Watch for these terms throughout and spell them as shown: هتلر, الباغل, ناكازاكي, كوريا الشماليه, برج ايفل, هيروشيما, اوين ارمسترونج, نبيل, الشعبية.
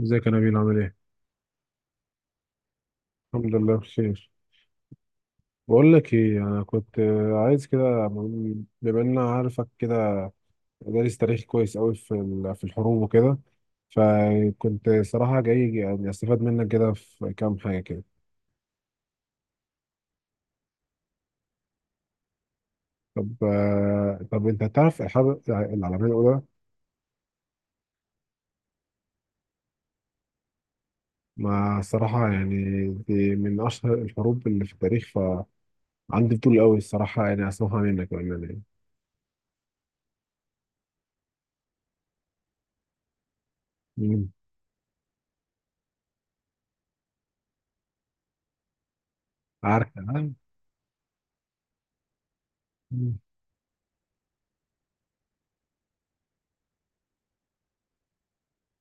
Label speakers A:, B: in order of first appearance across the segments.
A: ازيك يا نبيل عامل ايه؟ الحمد لله بخير. بقول لك ايه، انا كنت عايز كده، بما ان انا عارفك كده دارس تاريخ كويس قوي في الحروب وكده. فكنت صراحة جاي يعني استفاد منك كده في كام حاجة كده. طب انت تعرف الحرب العالمية الأولى؟ ما الصراحة يعني دي من أشهر الحروب اللي في التاريخ، فعندي فضول قوي الصراحة يعني أسمعها منك بأمانة يعني. مم. عارف تمام؟ مم.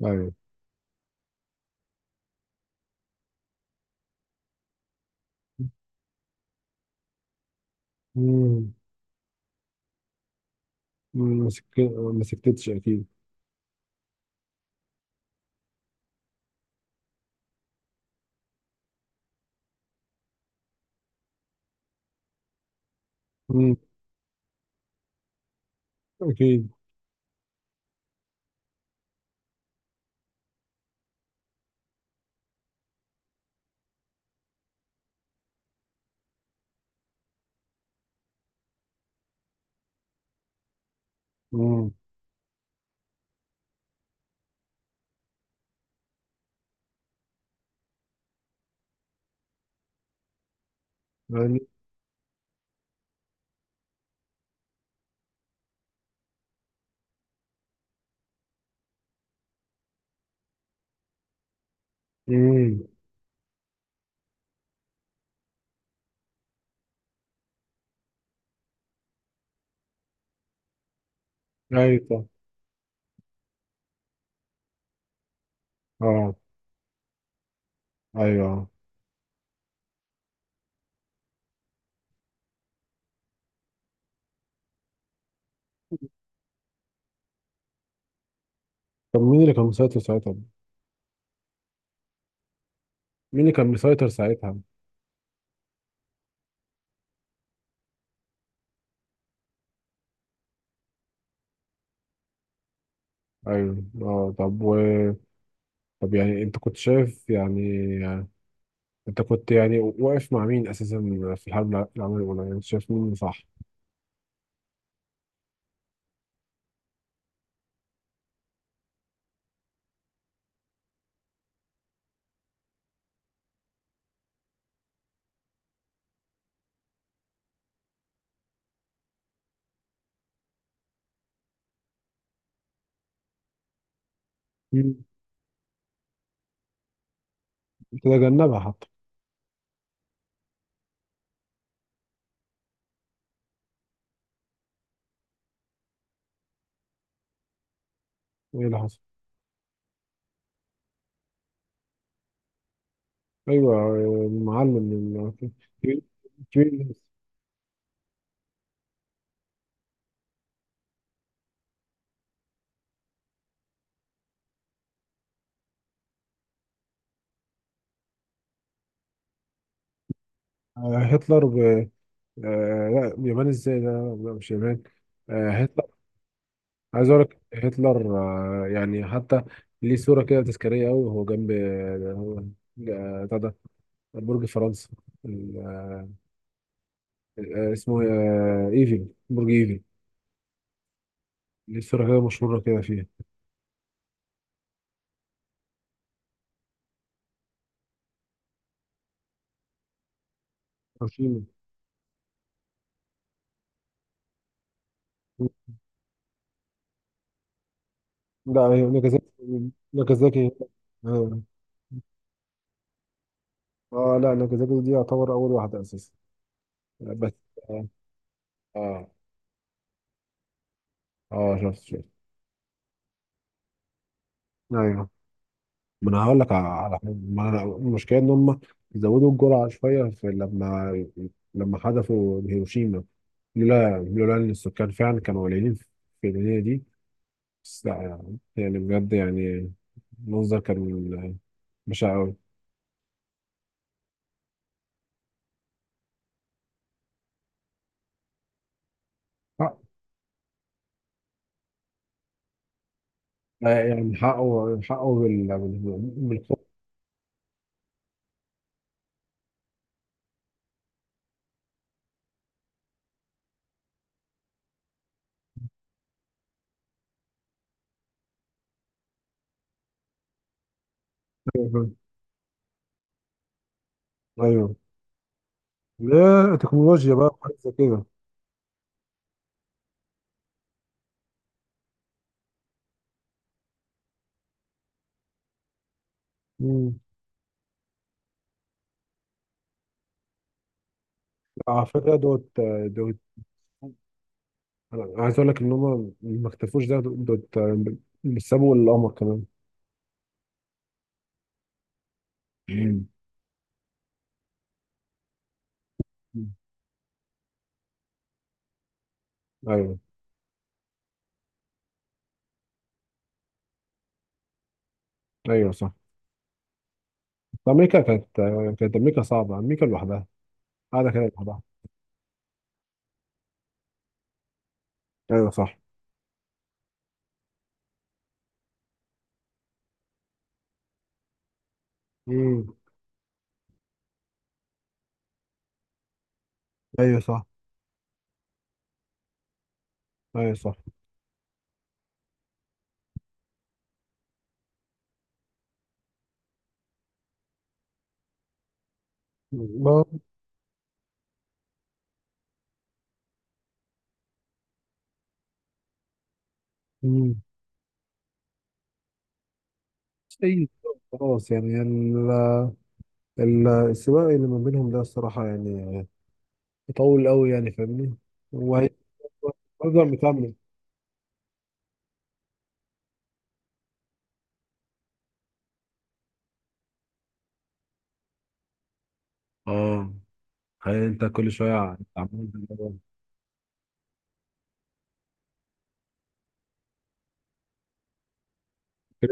A: أيوه. مم. ما سك- ما سكتتش اكيد. مم. اكيد. مم. يعني. مم. ايوه صح. اه. ايوه. طب مين اللي كان مسيطر ساعتها؟ مين اللي كان مسيطر ساعتها؟ ايوه اه. طب طب يعني انت كنت شايف يعني، انت كنت يعني واقف مع مين اساسا في الحرب العالميه الاولى؟ يعني أنت شايف مين اللي صح؟ مم. تتجنبها حتى. ايه اللي حصل؟ ايوه المعلم كبير. كبير. هتلر. لا، اليابان ازاي؟ لا لا لا، مش اليابان. هتلر. عايز اقول لك هتلر. يعني حتى ليه صورة كده تذكارية قوي وهو جنب هو بتاع ده، برج فرنسا، ال- آه، اسمه ايفل، برج ايفل. ليه صورة كده مشهورة كده فيها؟ هيروشيما. لا هي ناكازاكي. ناكازاكي. اه. لا، ناكازاكي دي يعتبر أول واحدة أساسا بس. اه اه. شفت شفت. ايوه. ما انا هقول لك على حاجه، ما أنا- المشكله ان هم زودوا الجرعه شويه في لما، لما حذفوا هيروشيما. لولا ان السكان فعلا كانوا قليلين في الدنيا دي. بس لا يعني بجد يعني المنظر كان بشع قوي. حق. يعني حقه، حقه بالخوف. ايوه. لا، تكنولوجيا بقى حاجه زي كده. مم. على فكره دوت دوت. أنا عايز اقول لك ان هم ما اكتفوش، ده دوت، بيسابوا القمر كمان. مم. ايوه ايوه صح. طب امريكا كانت، كانت امريكا صعبه، امريكا لوحدها قاعده كده لوحدها. ايوه صح. مم. ايوه صح. ايوه صح. ما. مم. اي خلاص يعني، السباق اللي ما بينهم ده الصراحه يعني يطول قوي يعني، فاهمني؟ وهي- وهيفضل مكمل. اه. هل انت كل شويه عمال فاكر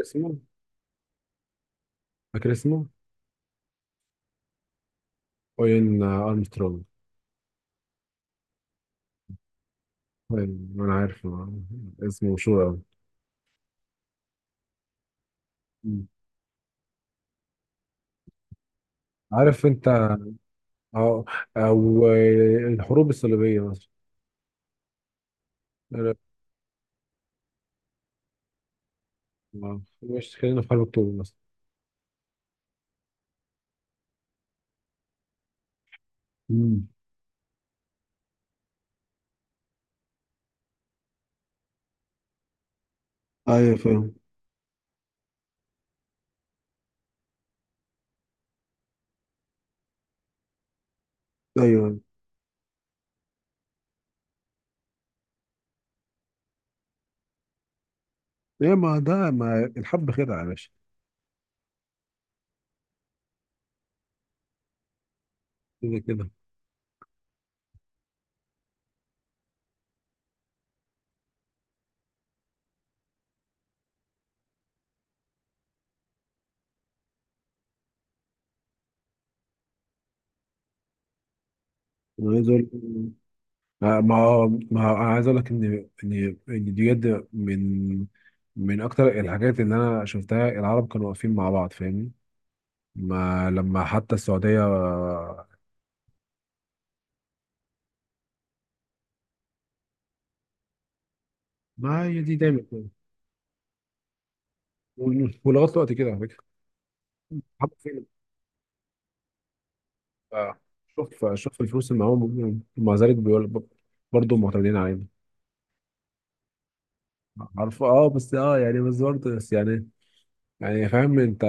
A: اسمه؟ فاكر اسمه؟ اوين ارمسترونج. أوين، انا عارف. اسمه مشهور قوي. عارف انت، أو أو الحروب الصليبية مثلا. مش خلينا في حرب أكتوبر مثلا. مم. ايوه فاهم. ايوه. ايه، ما ده ما الحب خدعه يا باشا. كده كده. انا عايز اقول، انا عايز اقول لك ان دي بجد من اكتر الحاجات اللي انا شفتها، العرب كانوا واقفين مع بعض فاهمني، ما لما حتى السعوديه. ما هي دي دايما كده. ولغايه دلوقتي كده على فكره. اه. شوف شوف الفلوس اللي معاهم، ومع ذلك بيقول برضه معتمدين علينا. عارفه. اه بس اه يعني بس برضه بس يعني، يعني فاهم انت،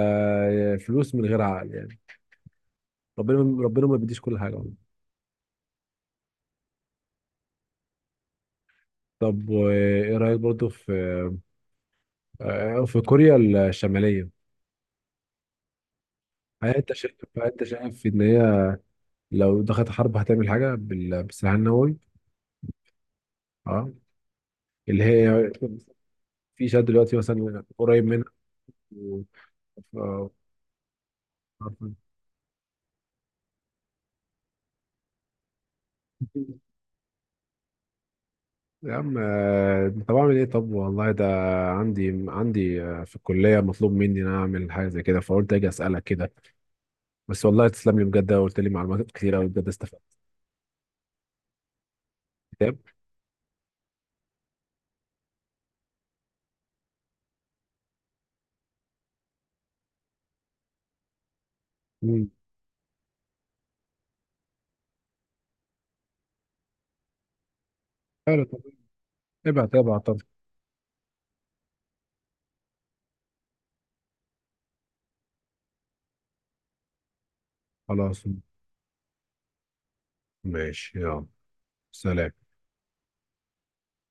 A: فلوس من غير عقل يعني. ربنا ربنا ما بيديش كل حاجه. طب وايه رايك برضه في كوريا الشماليه؟ هل انت شايف، هل انت شايف ان هي لو دخلت حرب هتعمل حاجه بالسلاح النووي؟ اه. اللي هي في شد دلوقتي مثلا قريب منها. و- آه، عارفة. يا عم طب اعمل ايه؟ طب والله، ده عندي في الكليه مطلوب مني ان انا اعمل حاجه زي كده فقلت اجي اسالك كده. بس والله تسلم لي بجد، قلت لي معلومات كتير قوي بجد استفدت. كتاب. امم. حلو طب. ابعت ابعت طب. خلاص. ماشي يلا. سلام.